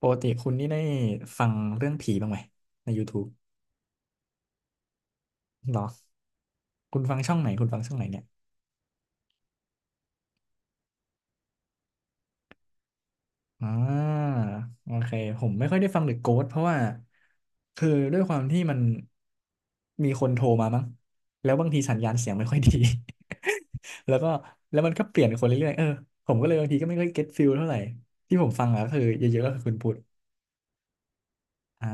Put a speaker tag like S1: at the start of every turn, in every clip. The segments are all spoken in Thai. S1: ปกติคุณนี่ได้ฟังเรื่องผีบ้างไหมใน YouTube เหรอคุณฟังช่องไหนคุณฟังช่องไหนเนี่ยอ่าโอเคผมไม่ค่อยได้ฟังหรือะโก s t เพราะว่าคือด้วยความที่มันมีคนโทรมามั้งแล้วบางทีสัญญาณเสียงไม่ค่อยดี แล้วก็แล้วมันก็เปลี่ยนคนเรื่อยๆเออผมก็เลยบางทีก็ไม่ค่อยเก็ตฟิลเท่าไหร่ที่ผมฟังอะก็คือเยอะๆก็คือคุณพุทธอ่า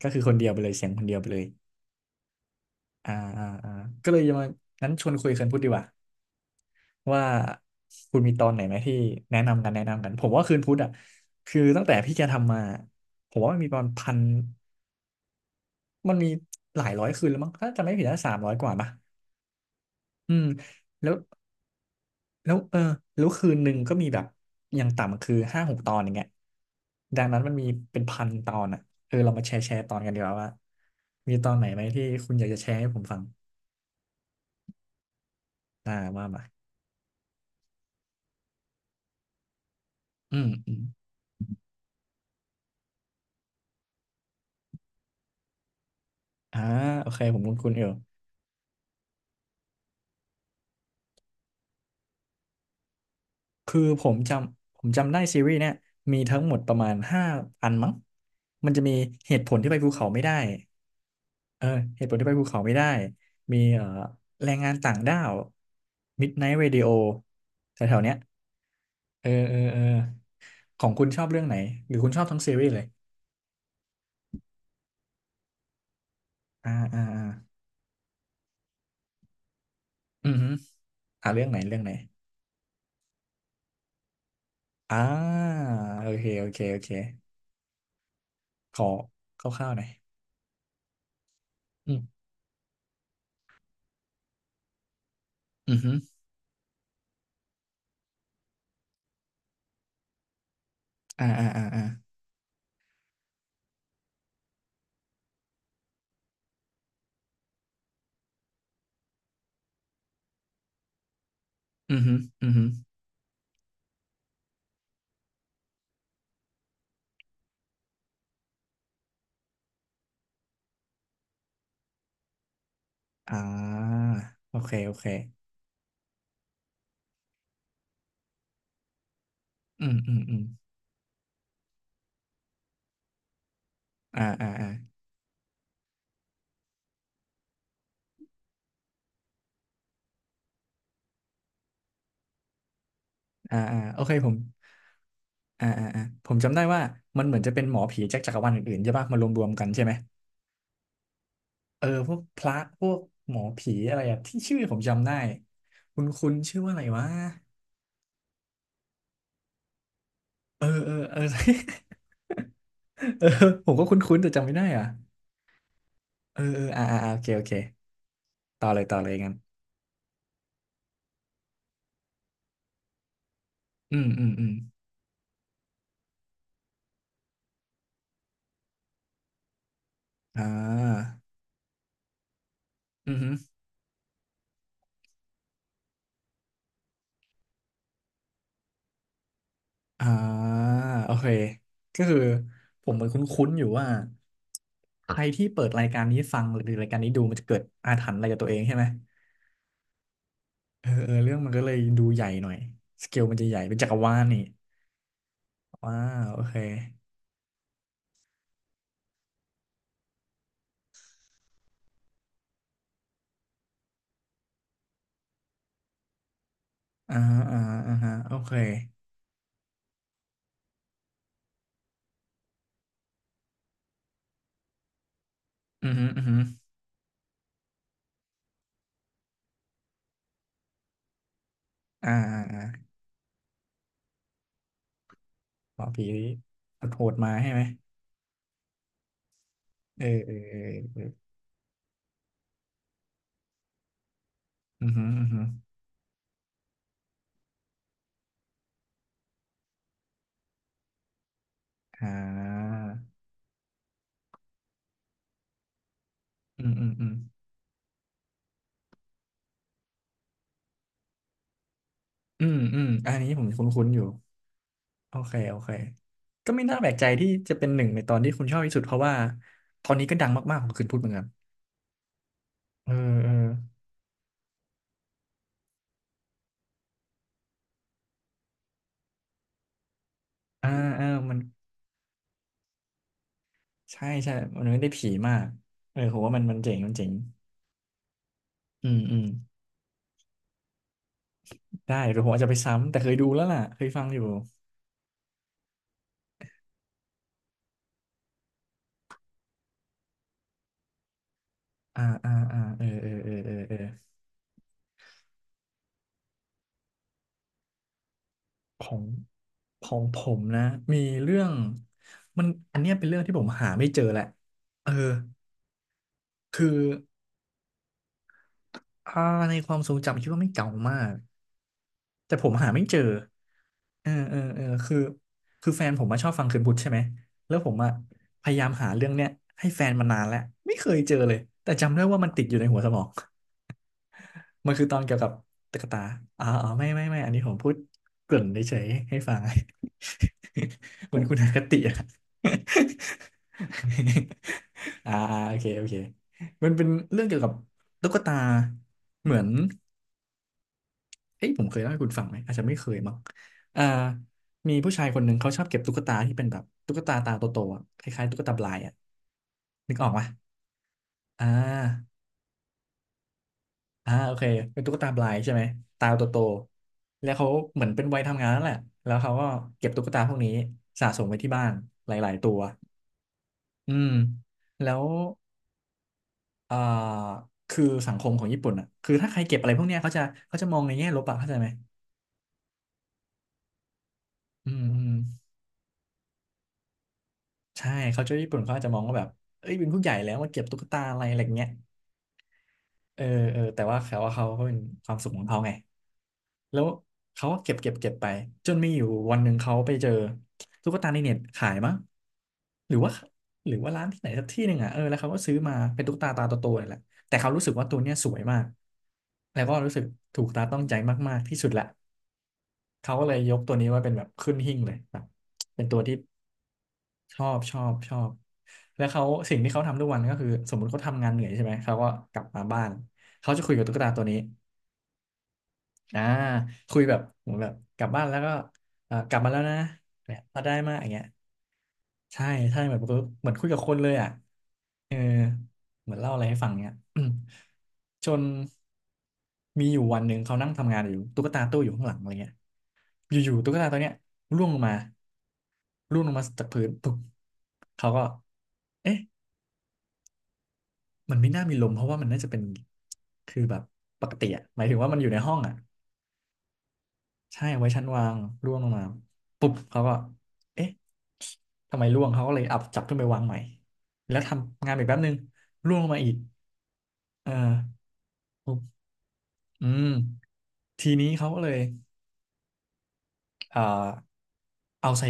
S1: ก็คือคนเดียวไปเลยเสียงคนเดียวไปเลย อ่าอ่าอ่าก็เลยจะมางั้นชวนคุยกันพูดดีกว่าว่าคุณมีตอนไหนไหมที่แนะนำกันแนะนำกันผมว่าคืนพุธอ่ะคือตั้งแต่พี่แกทำมาผมว่ามันมีประมาณพันมันมีหลายร้อยคืนแล้วมั้งถ้าจะไม่ผิดน่า300 กว่าป่ะอืมแล้วแล้วเออแล้วคืนหนึ่งก็มีแบบอย่างต่ำคือห้าหกตอนอย่างเงี้ยดังนั้นมันมีเป็นพันตอนอ่ะเออเรามาแชร์แชร์ตอนกันดีกว่าว่ามีตอนไหนไหมที่คุณอยากจะแชร์ให้ผมฟังว่ามาอืม อ่าโอเคผมคุ้นคุณอยู่คือผมจำได้ซีรีส์เนี่ยมีทั้งหมดประมาณห้าอันมั้งมันจะมีเหตุผลที่ไปภูเขาไม่ได้เออเหตุผลที่ไปภูเขาไม่ได้ มีแรงงานต่างด้าว Midnight Radio แถวๆเนี้ย เออเออเออของคุณชอบเรื่องไหน หรือคุณชอบทั้งซีรีส์เลยอ่าอ่าอ่าอือฮึอ่าเรื่องไหนเรื่องไหนอ่าโอเคโอเคโอเคขอคร่าวๆหน่อย อืม อือฮึอ่าอ่าอ่าอ่าอือฮึอือฮึ อ่าโอเคโอเคอืมอืมอืมอ่าอ่าอ่าอ่าอ่าโอเคผมผมจำได้ว่ามันเหมือนจะเป็นหมอผีจากจักรวาลอื่นๆใช่ปะมารวมๆกันใช่ไหมเออพวกพระพวกหมอผีอะไรอะที่ชื่อผมจำได้คุณชื่อว่าอะไรวะเออเออเออ เออผมก็คุ้นๆแต่จำไม่ได้อ่ะเออเอออ่าอ่าอ่าโอเคโอเคต่อเลยต่อเลยงั้นอืมอืมอืมอ่าอืม อ่าโอเคก็คือผมเหมือนคุ้นๆอยู่ว่าใครที่เปิดรายการนี้ฟังหรือรายการนี้ดูมันจะเกิดอาถรรพ์อะไรกับตัวเองใช่ไหมเออเออเรื่องมันก็เลยดูใหญ่หน่อยสเกลมันจะใหญ่เป็นจักรวาลนี่ว้าวโอเคอ่าอ่าอ่าฮะโอเคอือฮึอือฮึอ่าอ่าอ่าหมอผีโหดๆมาใช่ไหมเออเออเออเอออือฮึอือฮึอ่าอืมอืมอืมอืมอืมอันนี้ผมคุ้นๆอยู่ โอเค โอเค ก็ไม่น่าแปลกใจที่จะเป็นหนึ่งในตอนที่คุณชอบที่สุดเพราะว่าตอนนี้ก็ดังมากๆของคืนพูดเหมือนกันเออเอออ่าเออมันใช่ใช่มันไม่ได้ผีมากเออผมว่ามันเจ๋งมันเจ๋งอืมอืมได้หรือผมอาจจะไปซ้ำ แต่เคยดูแล้วล่ะ เคยฟังอยู่อ่าอ่าอ่าเออเออเออเออเออของของผมนะ มีเรื่องมันอันเนี้ยเป็นเรื่องที่ผมหาไม่เจอแหละเออคืออ่าในความทรงจำคิดว่าไม่เก่ามาก แต่ผมหาไม่เจอเออเออเออคือแฟนผมมาชอบฟังคืนพุธใช่ไหมแล้วผมอะพยายามหาเรื่องเนี้ยให้แฟนมานานแล้วไม่เคยเจอเลยแต่จำได้ว่ามันติดอยู่ในหัวสมอง มันคือตอนเกี่ยวกับตุ๊กตาอ๋ออ๋อไม่ไม่ไม่อันนี้ผมพูดเกริ่นเฉยๆให้ฟัง เหมือนคุณอคติอะ อ่าอ่าโอเคโอเคมันเป็นเรื่องเกี่ยวกับตุ๊กตาเหมือน เอ้ยผมเคยเล่าให้คุณฟังไหมอาจจะไม่เคยมั้งอ่ามีผู้ชายคนหนึ่งเขาชอบเก็บตุ๊กตาที่เป็นแบบตุ๊กตาตาโตๆอะคล้ายๆตุ๊กตาบลายอ่ะนึกออกปะอ่าอ่าโอเคเป็นตุ๊กตาบลายใช่ไหมตาโตๆแล้วเขาเหมือนเป็นวัยทำงานนั่นแหละแล้วเขาก็เก็บตุ๊กตาพวกนี้สะสมไว้ที่บ้านหลายๆตัวอืมแล้วเอ่อคือสังคมของญี่ปุ่นอ่ะคือถ้าใครเก็บอะไรพวกเนี้ยเขาจะเขาจะมองในแง่ลบอ่ะเข้าใจไหมอืมอืม ใช่เขาเจ้าญี่ปุ่นเขาอาจจะมองว่าแบบเอ้ยเป็นผู้ใหญ่แล้วมาเก็บตุ๊กตาอะไรอะไรเงี้ยเออเออแต่ว่าเขาว่าเขาก็เป็นความสุขของเขาไงแล้วเขาก็เก็บเก็บเก็บไปจนมีอยู่วันหนึ่งเขาไปเจอตุ๊กตาในเน็ตขายมั้งหรือว่าหรือว่าร้านที่ไหนสักที่หนึ่งอ่ะเออแล้วเขาก็ซื้อมาเป็นตุ๊กตาตาโตๆนี่แหละแต่เขารู้สึกว่าตัวเนี้ยสวยมากแล้วก็รู้สึกถูกตาต้องใจมากๆที่สุดละเขาก็เลยยกตัวนี้ไว่าเป็นแบบขึ้นหิ้งเลยแบบเป็นตัวที่ ชอบชอบชอบแล้วเขาสิ่งที่เขาทำทุกวันก็คือสมมติเขาทำงานเหนื่อยใช่ไหมเขาก็กลับมาบ้านเขาจะคุยกับตุ๊กตาตัวนี้อ่าคุยแบบเหมือนแบบกลับบ้านแล้วก็กลับมาแล้วนะเนี่ยมาได้มากอย่างเงี้ยใช่ใช่เหมือนเหมือนคุยกับคนเลยอ่ะเออเหมือนเล่าอะไรให้ฟังเนี้ย อืมจนมีอยู่วันหนึ่งเขานั่งทำงานอยู่ตุ๊กตาตู้อยู่ข้างหลังอะไรเงี้ยอยู่ๆตุ๊กตาตัวเนี้ยร่วงลงมาร่วงลงมาจากพื้นปุ๊บเขาก็เอ๊ะ มันไม่น่ามีลมเพราะว่ามันน่าจะเป็นคือแบบปกติอะหมายถึงว่ามันอยู่ในห้องอะใช่ไว้ชั้นวางร่วงลงมาปุ๊บเขาก็เอ๊ะทำไมร่วงเขาก็เลยอับจับขึ้นไปวางใหม่แล้วทำงานอีกแป๊บนึงร่วงลงมาอีกเออปุ๊บอืมทีนี้เขาก็เลย เอ่อเอาใส่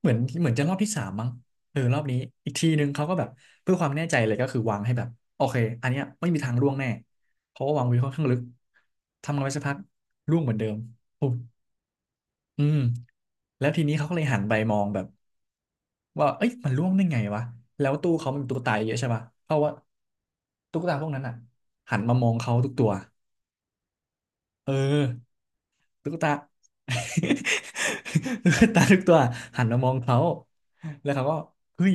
S1: เหมือนเหมือนจะรอบที่สามมั้งเออรอบนี้อีกทีนึงเขาก็แบบเพื่อความแน่ใจเลยก็คือวางให้แบบโอเคอันเนี้ยไม่มีทางร่วงแน่เพราะว่าวางไว้ค่อนข้างลึกทำกันไปสักพักร่วงเหมือนเดิมปุ๊บอืมแล้วทีนี้เขาก็เลยหันไปมองแบบว่าเอ้ยมันร่วงได้ไงวะแล้วตู้เขามันมีตุ๊กตาเยอะใช่ปะเพราะว่าตุ๊กตาพวกนั้นอ่ะหันมามองเขาทุกตัวเออ ตุ๊กตา ตุ๊กตาทุกตัวหันมามองเขาแล้วเขาก็เฮ้ย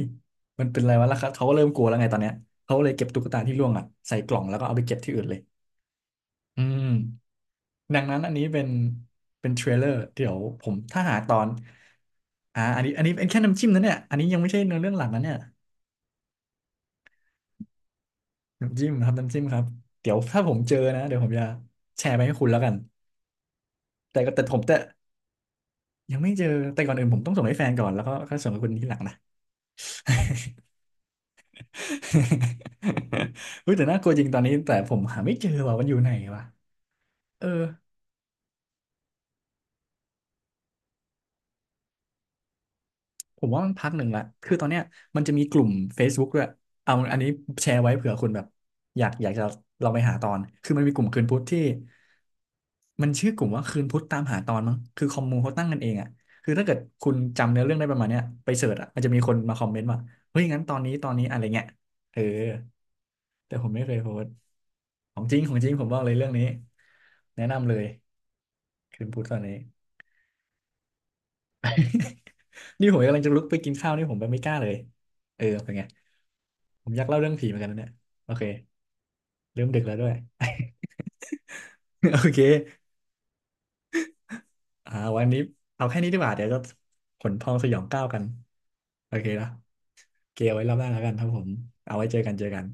S1: มันเป็นอะไรวะแล้วเขาก็เริ่มกลัวแล้วไงตอนเนี้ยเขาเลยเก็บตุ๊กตาที่ร่วงอ่ะใส่กล่องแล้วก็เอาไปเก็บที่อื่นเลยอืมดังนั้นอันนี้เป็นเป็นเทรลเลอร์เดี๋ยวผมถ้าหาตอนอ่าอันนี้อันนี้เป็นแค่น้ำจิ้มนะเนี่ยอันนี้ยังไม่ใช่เนื้อเรื่องหลักนะเนี่ยน้ำจิ้มครับน้ำจิ้มครับเดี๋ยวถ้าผมเจอนะเดี๋ยวผมจะแชร์ไปให้คุณแล้วกันแต่ก็แต่ผมจะยังไม่เจอแต่ก่อนอื่นผมต้องส่งให้แฟนก่อนแล้วก็ค่อยส่งให้คุณทีหลังนะ เฮ้ยแต่น่ากลัวจริงตอนนี้แต่ผมหาไม่เจอว่ามันอยู่ไหนวะเออผมว่ามันพักหนึ่งละคือตอนเนี้ยมันจะมีกลุ่ม Facebook ด้วยเอาอันนี้แชร์ไว้เผื่อคุณแบบอยากอยากจะเราไปหาตอนคือมันมีกลุ่มคืนพุธที่มันชื่อกลุ่มว่าคืนพุธตามหาตอนมั้งคือคอมมูเขาตั้งกันเองอ่ะคือถ้าเกิดคุณจำเนื้อเรื่องได้ประมาณเนี้ยไปเสิร์ชอ่ะมันจะมีคนมาคอมเมนต์ว่าเฮ้ยงั้นตอนนี้ตอนนี้อะไรเงี้ยเออแต่ผมไม่เคยโพสต์ของจริงของจริงผมบอกเลยเรื่องนี้แนะนำเลยคืนพุธตอนนี้ นี่ผมกำลังจะลุกไปกินข้าวนี่ผมไปไม่กล้าเลยเออเป็นไงผมอยากเล่าเรื่องผีเหมือนกันนะเนี่ยโอเคเริ่มดึกแล้วด้วย โอเคอ่าวันนี้เอาแค่นี้ดีกว่าเดี๋ยวจะขนพองสยองก้าวกันโอเคนะเกลไว้รอบหน้าแล้วกันครับผมเอาไว้เจอกันเจอกัน